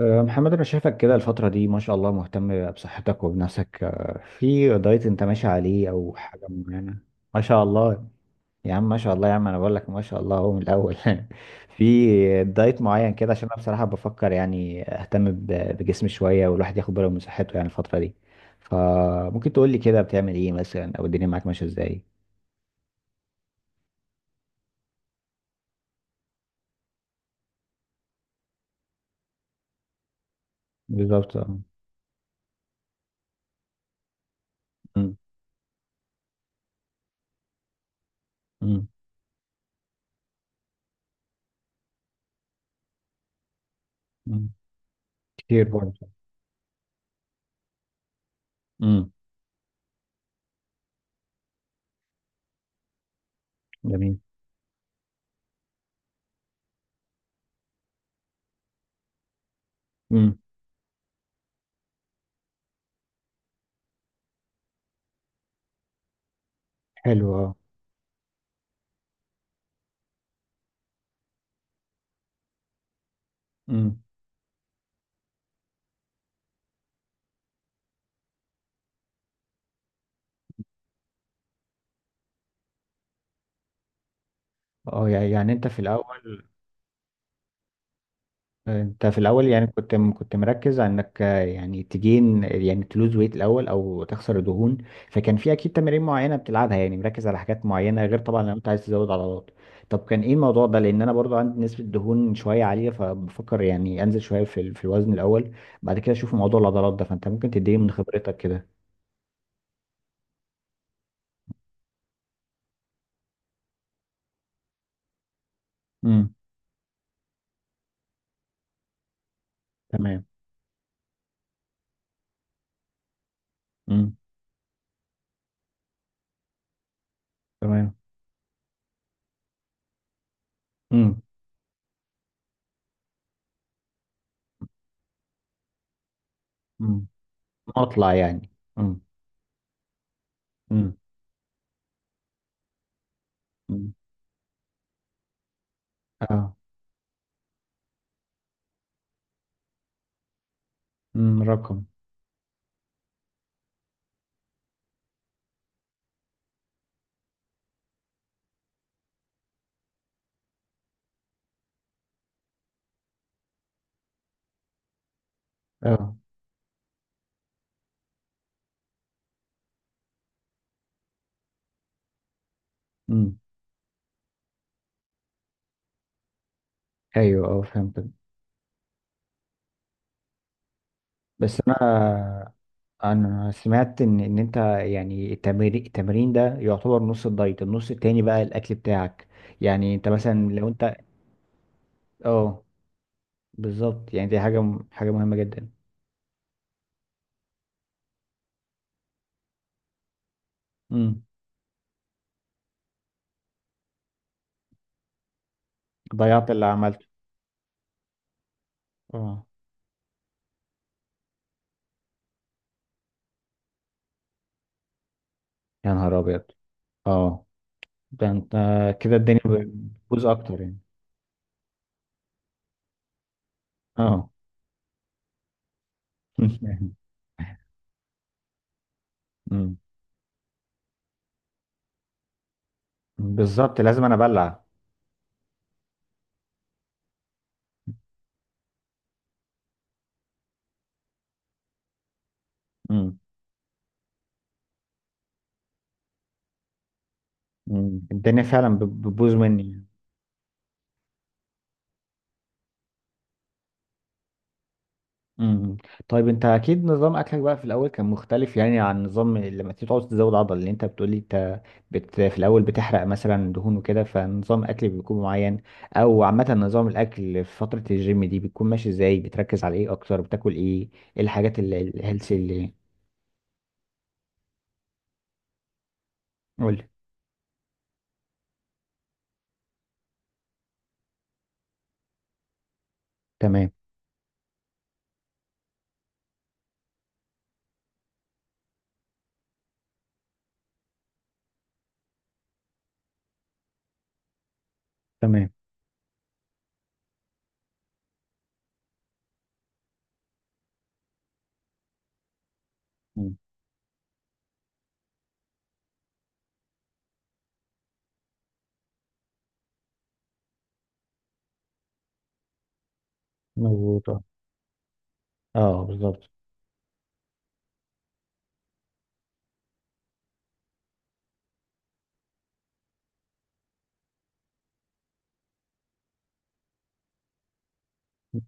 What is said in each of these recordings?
محمد انا شايفك كده الفترة دي، ما شاء الله، مهتم بصحتك وبنفسك. في دايت انت ماشي عليه او حاجة معينة؟ ما شاء الله يا عم، ما شاء الله يا عم، انا بقول لك ما شاء الله هو من الاول. في دايت معين كده، عشان انا بصراحة بفكر يعني اهتم بجسمي شوية، والواحد ياخد باله من صحته يعني الفترة دي. فممكن تقول لي كده بتعمل ايه مثلا، او الدنيا معاك ماشية ازاي؟ بالظبط، اه. أمم. أمم. أمم. كتير برضه. أمم. جميل. أمم. حلو، اه. أمم. اه، يعني انت في الاول يعني كنت مركز على انك، يعني تجين، يعني تلوز ويت الاول او تخسر دهون. فكان في اكيد تمارين معينه بتلعبها، يعني مركز على حاجات معينه، غير طبعا لو انت عايز تزود عضلات. طب كان ايه الموضوع ده؟ لان انا برضو عندي نسبه دهون شويه عاليه، فبفكر يعني انزل شويه في الوزن الاول، بعد كده اشوف موضوع العضلات ده. فانت ممكن تديني من خبرتك كده. امم. تمام. امم. تمام. امم. امم. اطلع يعني. امم. امم. امم. اه. امم. رقم. اه. امم. ايوه، اه، فهمت. بس انا، سمعت ان، انت، يعني التمرين ده يعتبر نص الدايت، النص التاني بقى الاكل بتاعك. يعني انت مثلا لو انت. اه، بالظبط. يعني دي حاجه مهمه جدا. امم. ضيعت اللي عملته. اه. يا نهار ابيض. اه. ده انت، كده الدنيا بتبوظ اكتر يعني. اه. امم. بالظبط، لازم انا ابلع. امم. امم. الدنيا فعلا بتبوظ مني. امم. طيب، انت اكيد نظام اكلك بقى في الاول كان مختلف، يعني عن نظام لما تيجي تعوز تزود عضل اللي انت بتقولي. انت في الاول بتحرق مثلا دهون وكده، فنظام اكل بيكون معين. او عامه نظام الاكل في فتره الجيم دي بتكون ماشي ازاي؟ بتركز على ايه اكتر؟ بتاكل ايه؟ ايه الحاجات الهيلثي اللي. قولي. تمام. تمام. مم. مظبوط، اه. اه، بالظبط.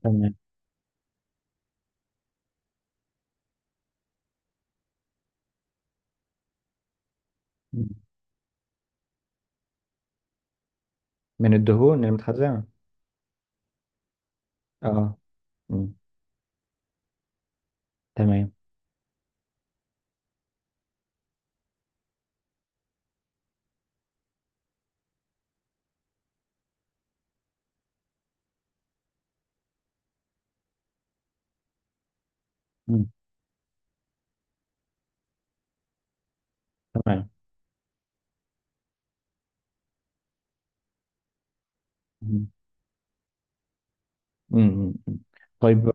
تمام. مم. من الدهون المتخزنه. اه، اه. مم. تمام. مم. تمام. مم. مم. مم. طيب.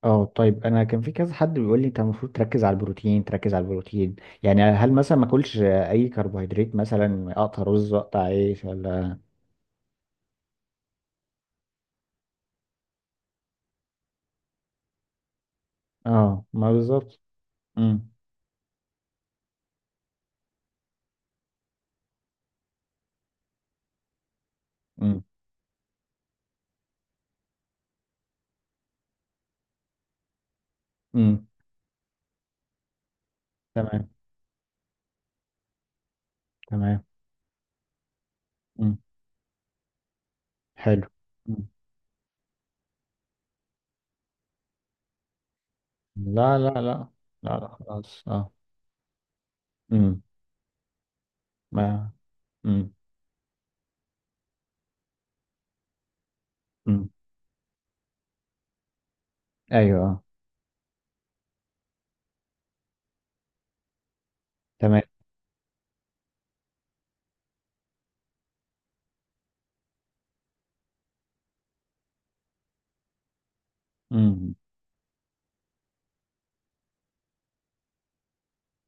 اه، طيب، انا كان في كذا حد بيقول لي انت المفروض تركز على البروتين، تركز على البروتين. يعني هل مثلا ما اكلش اي كربوهيدرات؟ مثلا اقطع رز، اقطع عيش، ولا؟ اه. ما بالظبط. امم. امم. امم. تمام. تمام. امم. حلو. مم. لا، لا، لا. لا، لا، خلاص، اه. امم. ما. امم. امم. ايوه، آه. تمام. إمم.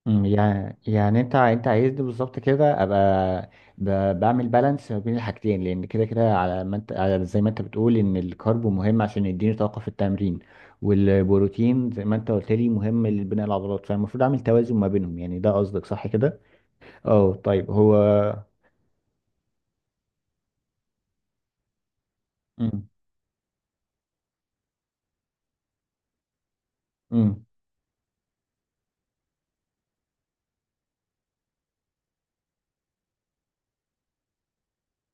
مم، يعني انت عايزني بالظبط كده ابقى بعمل بالانس ما بين الحاجتين، لان كده كده، على زي ما انت بتقول ان الكارب مهم عشان يديني طاقه في التمرين، والبروتين زي ما انت قلت لي مهم لبناء العضلات، فالمفروض اعمل توازن ما بينهم. يعني ده قصدك، صح كده؟ اه، طيب. هو. امم. امم.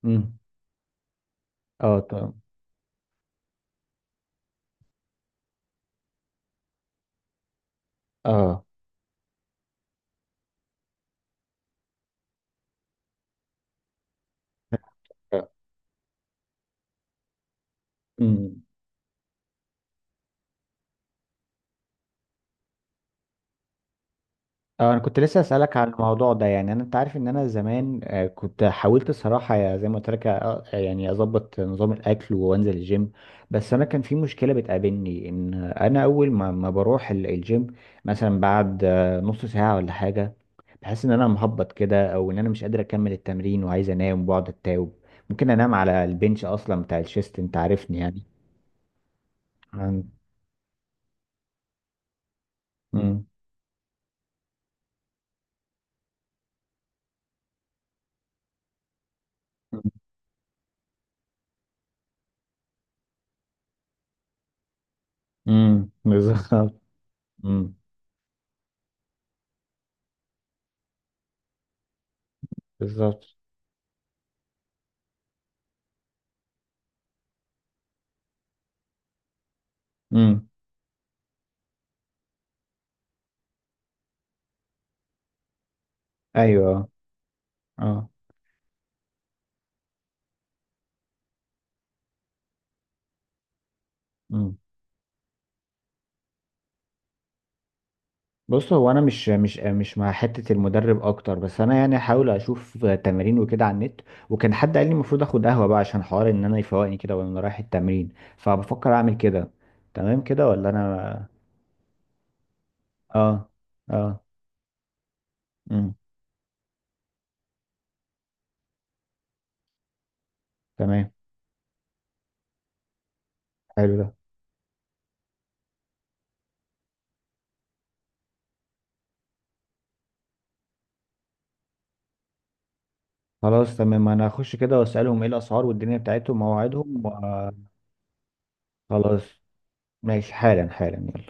امم. اه، طب. اه. امم. اه، انا كنت لسه اسالك عن الموضوع ده. يعني انا، انت عارف ان انا زمان كنت حاولت الصراحه، زي ما قلت لك، يعني اظبط نظام الاكل وانزل الجيم. بس انا كان في مشكله بتقابلني، ان انا اول ما بروح الجيم، مثلا بعد نص ساعه ولا حاجه، بحس ان انا مهبط كده، او ان انا مش قادر اكمل التمرين وعايز انام وبقعد اتاوب. ممكن انام على البنش اصلا بتاع الشيست، انت عارفني يعني. عن- مم. مم. بالظبط. مم. بالظبط. مم. ايوه، اه. مم. بص، هو انا مش مع حته المدرب اكتر، بس انا يعني هحاول اشوف تمارين وكده على النت. وكان حد قال لي المفروض اخد قهوه بقى، عشان حوار ان انا يفوقني كده وانا رايح التمرين، فبفكر اعمل كده. تمام كده ولا انا؟ اه. اه. امم. تمام. حلو ده. خلاص، تمام، انا هخش كده واسالهم ايه الاسعار والدنيا بتاعتهم مواعيدهم وخلاص. ماشي، حالا حالا، يلا.